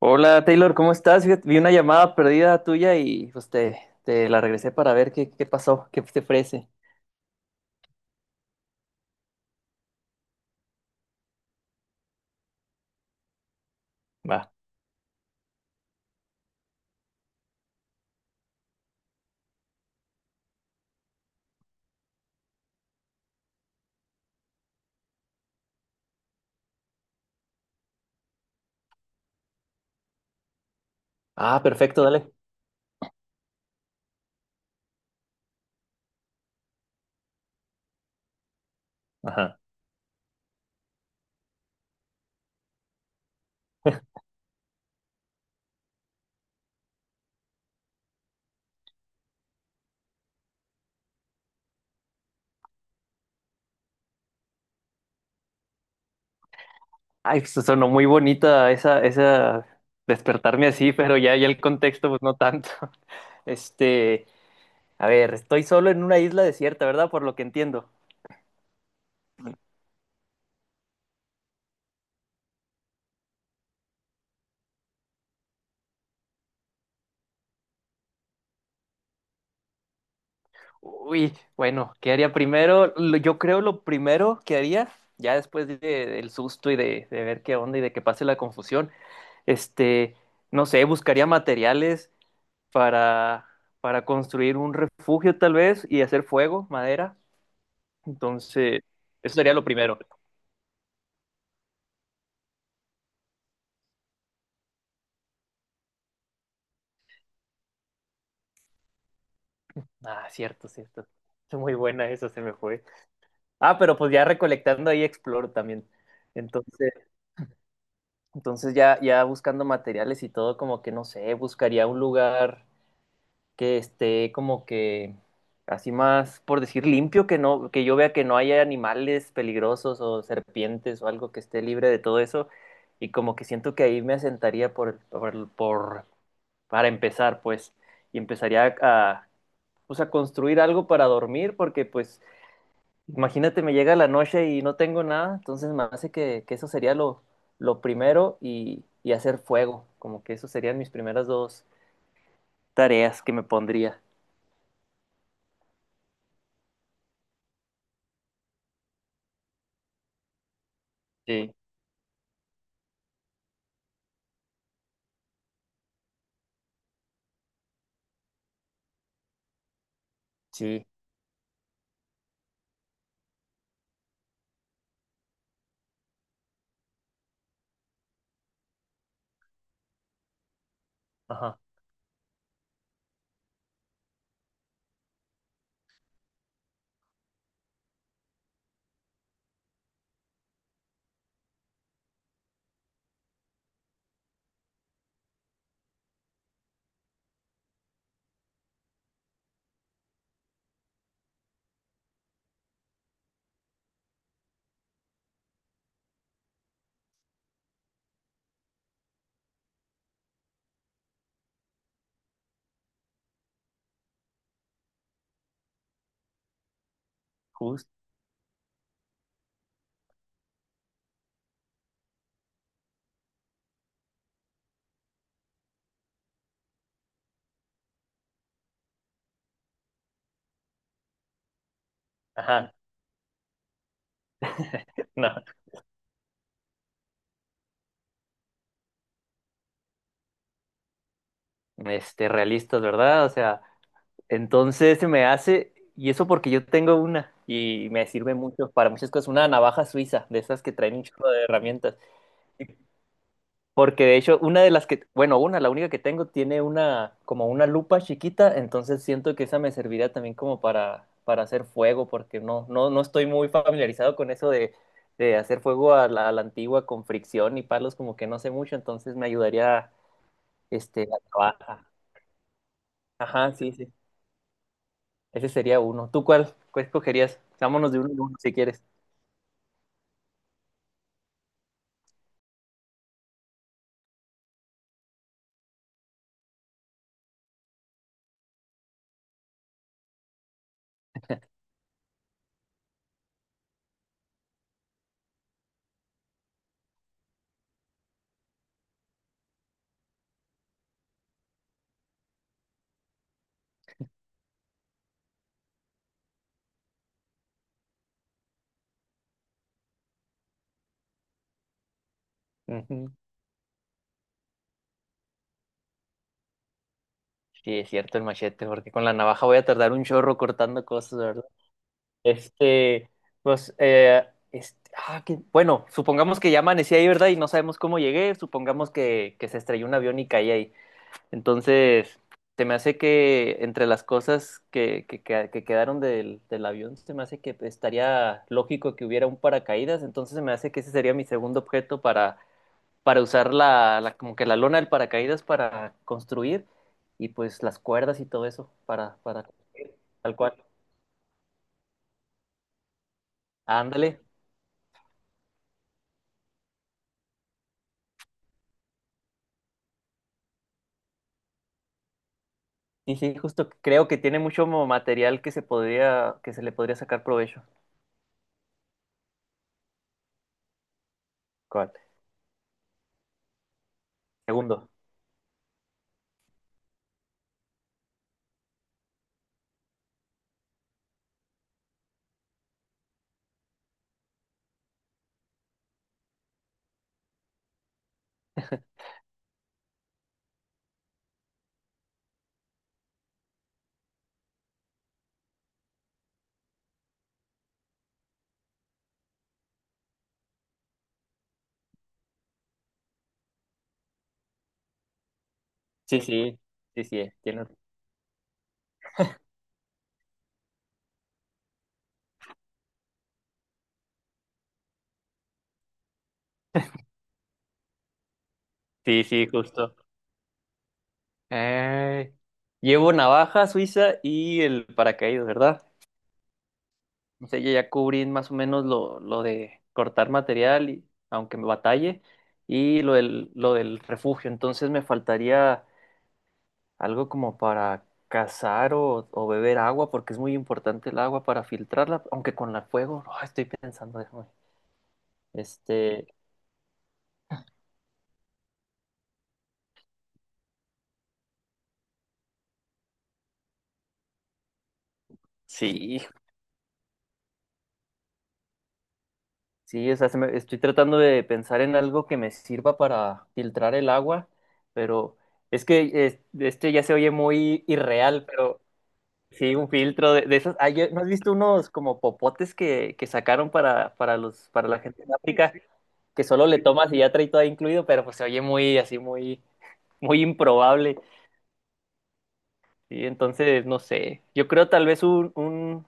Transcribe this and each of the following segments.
Hola Taylor, ¿cómo estás? Fíjate, vi una llamada perdida tuya y te la regresé para ver qué pasó, qué te ofrece. Va. Ah, perfecto, dale. Ajá. Ay, pues sonó muy bonita esa despertarme así, pero ya el contexto, pues no tanto. Este, a ver, estoy solo en una isla desierta, ¿verdad? Por lo que entiendo. Uy, bueno, ¿qué haría primero? Yo creo lo primero que haría, ya del susto y de ver qué onda y de que pase la confusión, Este, no sé, buscaría materiales para, para construir un refugio tal vez y hacer fuego, madera. Entonces, eso sería lo primero. Ah, cierto, cierto. Es muy buena esa, se me fue. Ah, pero pues ya recolectando ahí exploro también. Entonces, ya buscando materiales y todo, como que no sé, buscaría un lugar que esté como que así más, por decir, limpio, que no, que yo vea que no haya animales peligrosos o serpientes o algo que esté libre de todo eso. Y como que siento que ahí me asentaría para empezar, pues, y pues, a construir algo para dormir, porque pues, imagínate, me llega la noche y no tengo nada, entonces me hace que eso sería lo primero y hacer fuego, como que eso serían mis primeras dos tareas que me pondría. Sí, sí. Ajá, justo, ajá. No, realistas, ¿verdad? O sea, entonces se me hace, y eso porque yo tengo una, y me sirve mucho para muchas cosas, una navaja suiza, de esas que traen un chorro de herramientas. Y porque de hecho, una de las que, bueno, una, la única que tengo tiene una, como una lupa chiquita, entonces siento que esa me serviría también como para hacer fuego, porque no estoy muy familiarizado con eso de hacer fuego a a la antigua con fricción y palos, como que no sé mucho, entonces me ayudaría. La navaja. Ajá, sí, sí. Ese sería uno. ¿Tú cuál escogerías? Vámonos de uno en uno si quieres. Ujú. Sí, es cierto el machete, porque con la navaja voy a tardar un chorro cortando cosas, ¿verdad? Este, pues, eh, bueno, supongamos que ya amanecí ahí, ¿verdad? Y no sabemos cómo llegué, supongamos que- que se estrelló un avión y caí ahí. Entonces, se me hace que entre las cosas que quedaron del avión, se me hace que estaría lógico que hubiera un paracaídas. Entonces, se me hace que ese sería mi segundo objeto para usar como que la lona del paracaídas para construir y pues las cuerdas y todo eso para construir, tal cual. Ándale. Y sí, justo creo que tiene mucho material que se podría, que se le podría sacar provecho. ¿Cuál? Segundo. Sí, sí, sí, tiene. Sí, sí, justo. Eh, llevo navaja suiza y el paracaídas, ¿verdad? O sea, yo ya cubrí más o menos lo de cortar material, y, aunque me batalle, y lo del refugio. Entonces me faltaría algo como para cazar o beber agua, porque es muy importante el agua para filtrarla, aunque con la fuego, no, estoy pensando, déjame. Este, sí. Sí, o sea, estoy tratando de pensar en algo que me sirva para filtrar el agua, pero es que ya se oye muy irreal, pero sí, un filtro de esos. Ah, ¿no has visto unos como popotes que sacaron para la gente en África que solo le tomas y ya trae todo incluido, pero pues se oye muy así, muy, muy improbable. Y entonces, no sé, yo creo tal vez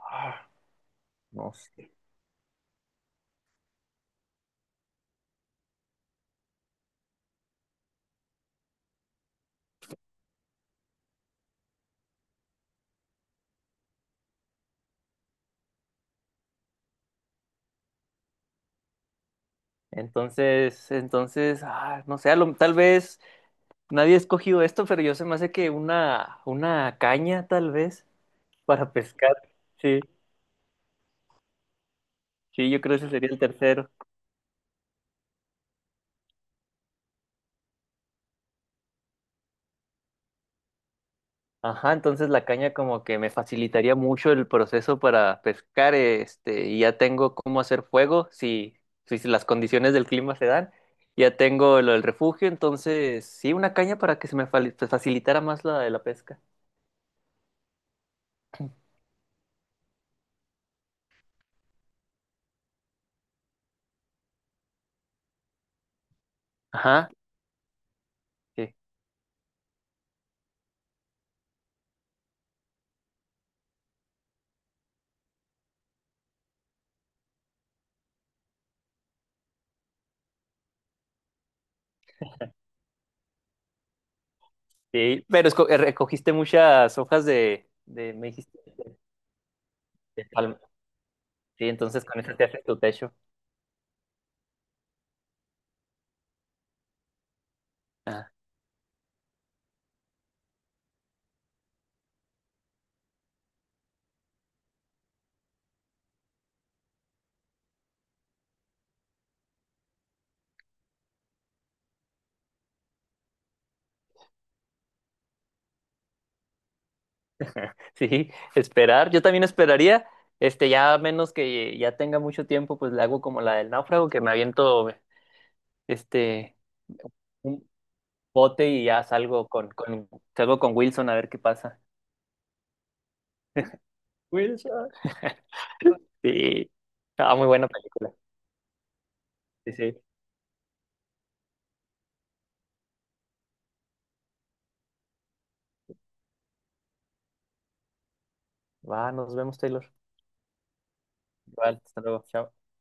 ah, no sé. No sé, tal vez. Nadie ha escogido esto, pero yo se me hace que una caña, tal vez, para pescar. Sí, sí, yo creo que ese sería el tercero. Ajá, entonces la caña como que me facilitaría mucho el proceso para pescar, este, y ya tengo cómo hacer fuego si las condiciones del clima se dan. Ya tengo lo del refugio, entonces sí, una caña para que pues, facilitara más la de la pesca. Ajá, sí, sí, pero recogiste muchas hojas me dijiste, de palma. Sí, entonces con eso te haces tu techo. Ah, sí, esperar. Yo también esperaría, este, ya a menos que ya tenga mucho tiempo, pues le hago como la del náufrago, que me aviento, este, un bote y ya salgo con Wilson a ver qué pasa. Wilson. Sí. Ah, muy buena película. Sí, sí. Va, nos vemos, Taylor. Igual, hasta luego. Chao.